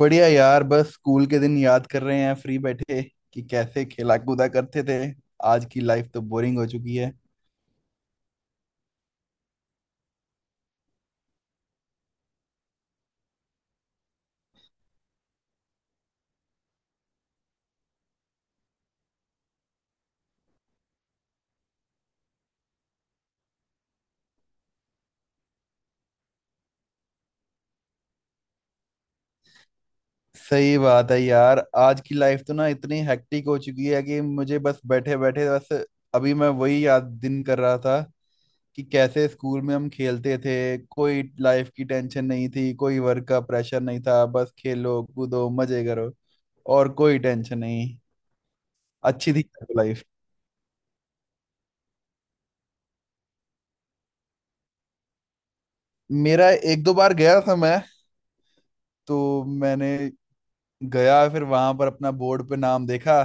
बढ़िया यार। बस स्कूल के दिन याद कर रहे हैं, फ्री बैठे कि कैसे खेला कूदा करते थे। आज की लाइफ तो बोरिंग हो चुकी है। सही बात है यार, आज की लाइफ तो ना इतनी हेक्टिक हो चुकी है कि मुझे बस बैठे बैठे बस अभी मैं वही याद दिन कर रहा था कि कैसे स्कूल में हम खेलते थे। कोई लाइफ की टेंशन नहीं थी, कोई वर्क का प्रेशर नहीं था, बस खेलो कूदो मजे करो, और कोई टेंशन नहीं। अच्छी थी लाइफ। मेरा एक दो बार गया था मैं, तो मैंने गया फिर वहां पर अपना बोर्ड पे नाम देखा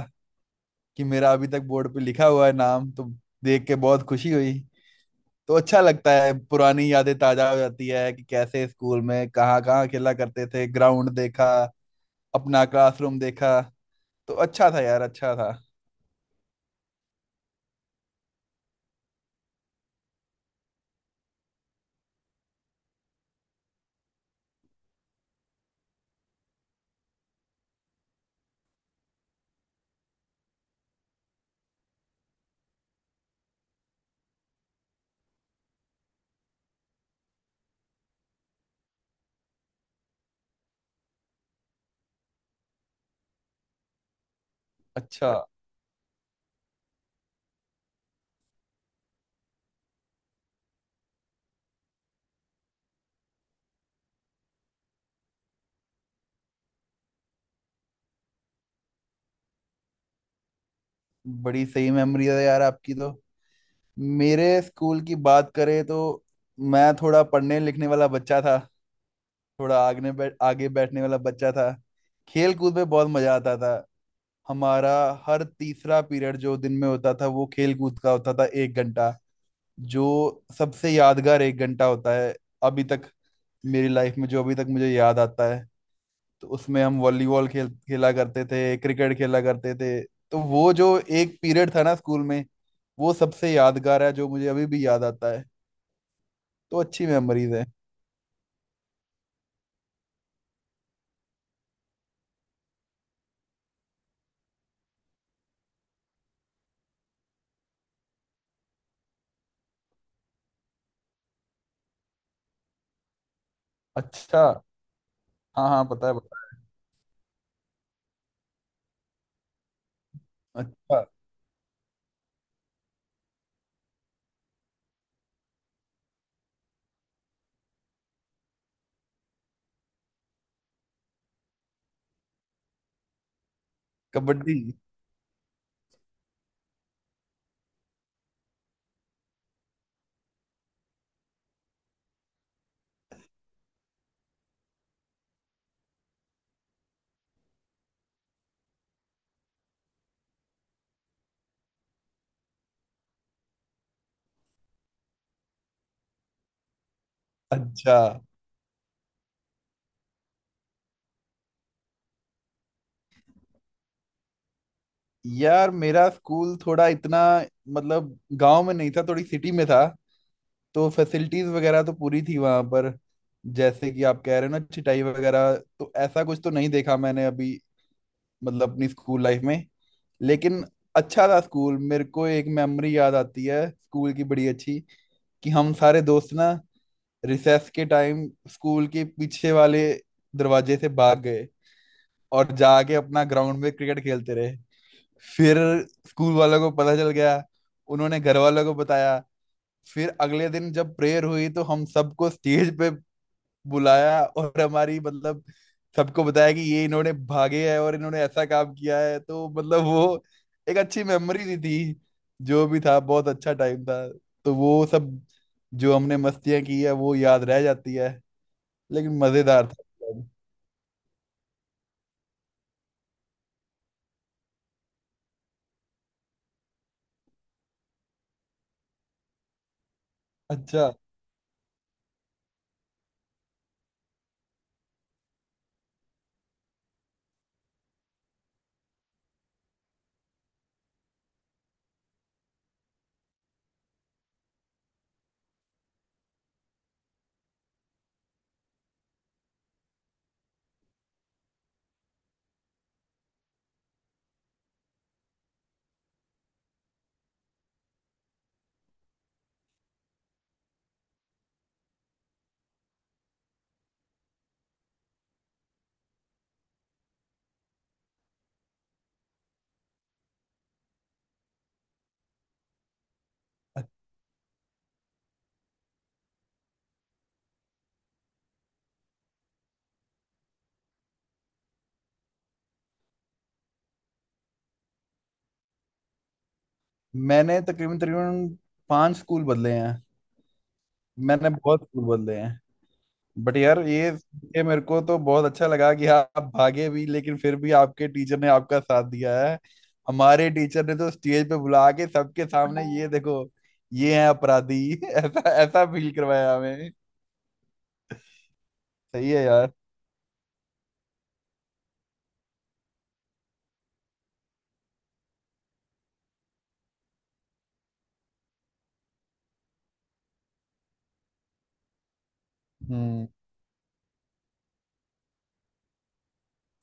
कि मेरा अभी तक बोर्ड पे लिखा हुआ है नाम। तो देख के बहुत खुशी हुई। तो अच्छा लगता है, पुरानी यादें ताजा हो जाती है कि कैसे स्कूल में कहाँ कहाँ खेला करते थे। ग्राउंड देखा, अपना क्लासरूम देखा। तो अच्छा था यार, अच्छा था। अच्छा। बड़ी सही मेमोरी है यार आपकी। तो मेरे स्कूल की बात करें तो मैं थोड़ा पढ़ने लिखने वाला बच्चा था, थोड़ा आगने बैठ आगे बैठने वाला बच्चा था। खेल कूद में बहुत मजा आता था हमारा। हर तीसरा पीरियड जो दिन में होता था वो खेल कूद का होता था, एक घंटा। जो सबसे यादगार एक घंटा होता है अभी तक मेरी लाइफ में, जो अभी तक मुझे याद आता है। तो उसमें हम वॉलीबॉल खेल खेला करते थे, क्रिकेट खेला करते थे। तो वो जो एक पीरियड था ना स्कूल में वो सबसे यादगार है, जो मुझे अभी भी याद आता है। तो अच्छी मेमोरीज है। अच्छा। हाँ हाँ, पता है, पता है। अच्छा। कबड्डी। अच्छा। यार मेरा स्कूल थोड़ा इतना मतलब गांव में नहीं था, थोड़ी सिटी में था। तो फैसिलिटीज वगैरह तो पूरी थी वहां पर। जैसे कि आप कह रहे हो ना चिटाई वगैरह, तो ऐसा कुछ तो नहीं देखा मैंने अभी, मतलब अपनी स्कूल लाइफ में। लेकिन अच्छा था स्कूल। मेरे को एक मेमोरी याद आती है स्कूल की, बड़ी अच्छी। कि हम सारे दोस्त ना रिसेस के टाइम स्कूल के पीछे वाले दरवाजे से भाग गए, और जाके अपना ग्राउंड में क्रिकेट खेलते रहे। फिर स्कूल वालों को पता चल गया, उन्होंने घर वालों को बताया। फिर अगले दिन जब प्रेयर हुई तो हम सबको स्टेज पे बुलाया, और हमारी मतलब सबको बताया कि ये इन्होंने भागे है और इन्होंने ऐसा काम किया है। तो मतलब वो एक अच्छी मेमोरी भी थी, जो भी था बहुत अच्छा टाइम था। तो वो सब जो हमने मस्तियां की है वो याद रह जाती है, लेकिन मजेदार था। अच्छा। मैंने तकरीबन तकरीबन पांच स्कूल बदले हैं। मैंने बहुत स्कूल बदले हैं। बट यार ये मेरे को तो बहुत अच्छा लगा कि आप भागे भी लेकिन फिर भी आपके टीचर ने आपका साथ दिया है। हमारे टीचर ने तो स्टेज पे बुला के सबके सामने, ये देखो ये है अपराधी, ऐसा ऐसा फील करवाया हमें। सही है यार। हम्म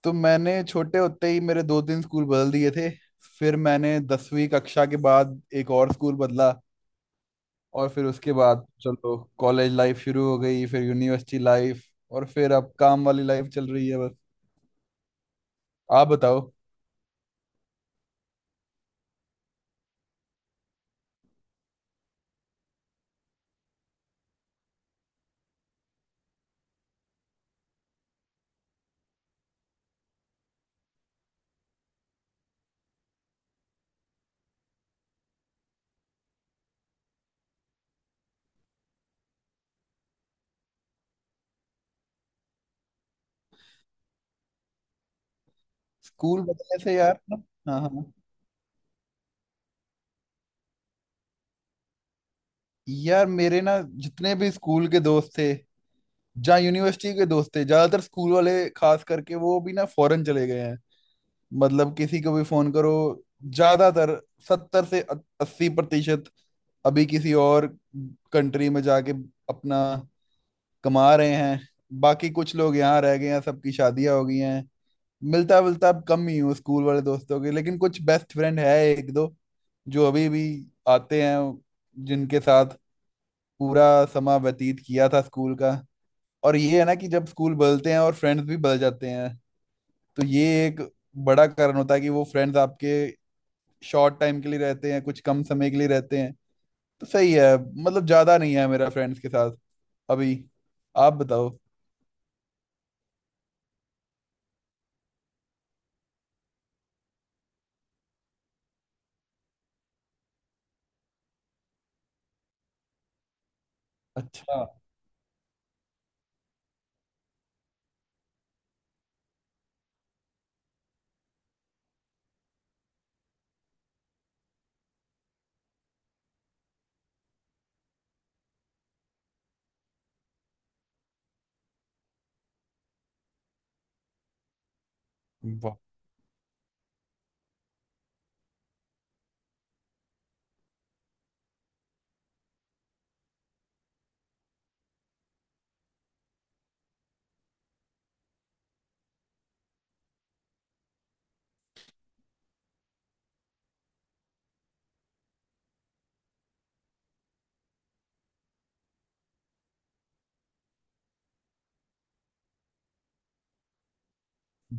तो मैंने छोटे होते ही मेरे दो तीन स्कूल बदल दिए थे। फिर मैंने 10वीं कक्षा के बाद एक और स्कूल बदला। और फिर उसके बाद चलो कॉलेज लाइफ शुरू हो गई, फिर यूनिवर्सिटी लाइफ। और फिर अब काम वाली लाइफ चल रही है बस। आप बताओ। स्कूल बदलने से यार ना। हाँ हाँ। यार मेरे ना, जितने भी स्कूल के दोस्त थे, जहाँ यूनिवर्सिटी के दोस्त थे ज्यादातर, स्कूल वाले खास करके वो भी ना फॉरेन चले गए हैं। मतलब किसी को भी फोन करो, ज्यादातर 70 से 80% अभी किसी और कंट्री में जाके अपना कमा रहे हैं। बाकी कुछ लोग यहाँ रह गए हैं, सबकी शादियां हो गई हैं। मिलता मिलता अब कम ही हूँ स्कूल वाले दोस्तों के, लेकिन कुछ बेस्ट फ्रेंड है एक दो जो अभी भी आते हैं, जिनके साथ पूरा समय व्यतीत किया था स्कूल का। और ये है ना कि जब स्कूल बदलते हैं और फ्रेंड्स भी बदल जाते हैं, तो ये एक बड़ा कारण होता है कि वो फ्रेंड्स आपके शॉर्ट टाइम के लिए रहते हैं, कुछ कम समय के लिए रहते हैं। तो सही है। मतलब ज्यादा नहीं है मेरा फ्रेंड्स के साथ अभी। आप बताओ। अच्छा। वाह।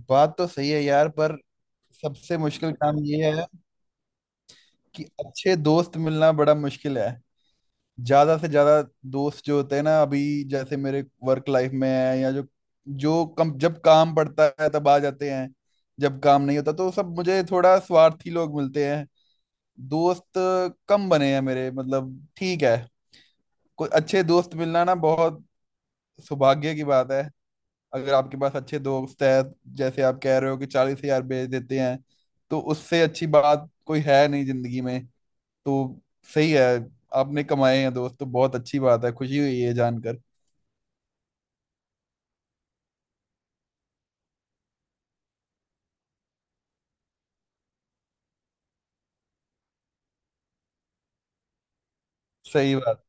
बात तो सही है यार, पर सबसे मुश्किल काम ये है कि अच्छे दोस्त मिलना बड़ा मुश्किल है। ज्यादा से ज्यादा दोस्त जो होते हैं ना अभी, जैसे मेरे वर्क लाइफ में है, या जो जो कम जब काम पड़ता है तब आ जाते हैं, जब काम नहीं होता तो सब मुझे थोड़ा स्वार्थी लोग मिलते हैं। दोस्त कम बने हैं मेरे, मतलब ठीक है। कोई अच्छे दोस्त मिलना ना बहुत सौभाग्य की बात है। अगर आपके पास अच्छे दोस्त है जैसे आप कह रहे हो कि 40,000 भेज देते हैं, तो उससे अच्छी बात कोई है नहीं जिंदगी में। तो सही है। आपने कमाए हैं दोस्त, तो बहुत अच्छी बात है, खुशी हुई है जानकर। सही बात।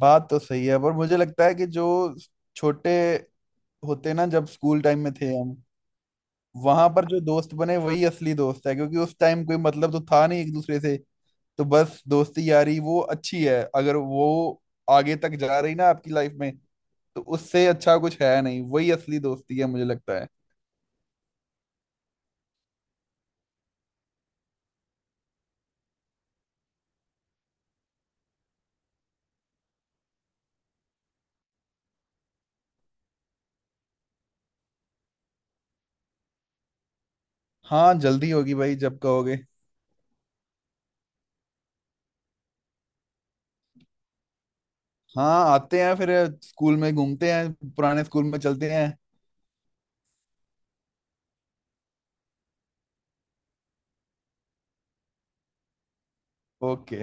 बात तो सही है पर मुझे लगता है कि जो छोटे होते ना जब स्कूल टाइम में थे हम, वहां पर जो दोस्त बने वही असली दोस्त है, क्योंकि उस टाइम कोई मतलब तो था नहीं एक दूसरे से। तो बस दोस्ती यारी वो अच्छी है, अगर वो आगे तक जा रही ना आपकी लाइफ में, तो उससे अच्छा कुछ है नहीं, वही असली दोस्ती है मुझे लगता है। हाँ जल्दी होगी भाई, जब कहोगे। हाँ, आते हैं फिर। स्कूल में घूमते हैं, पुराने स्कूल में चलते हैं। ओके।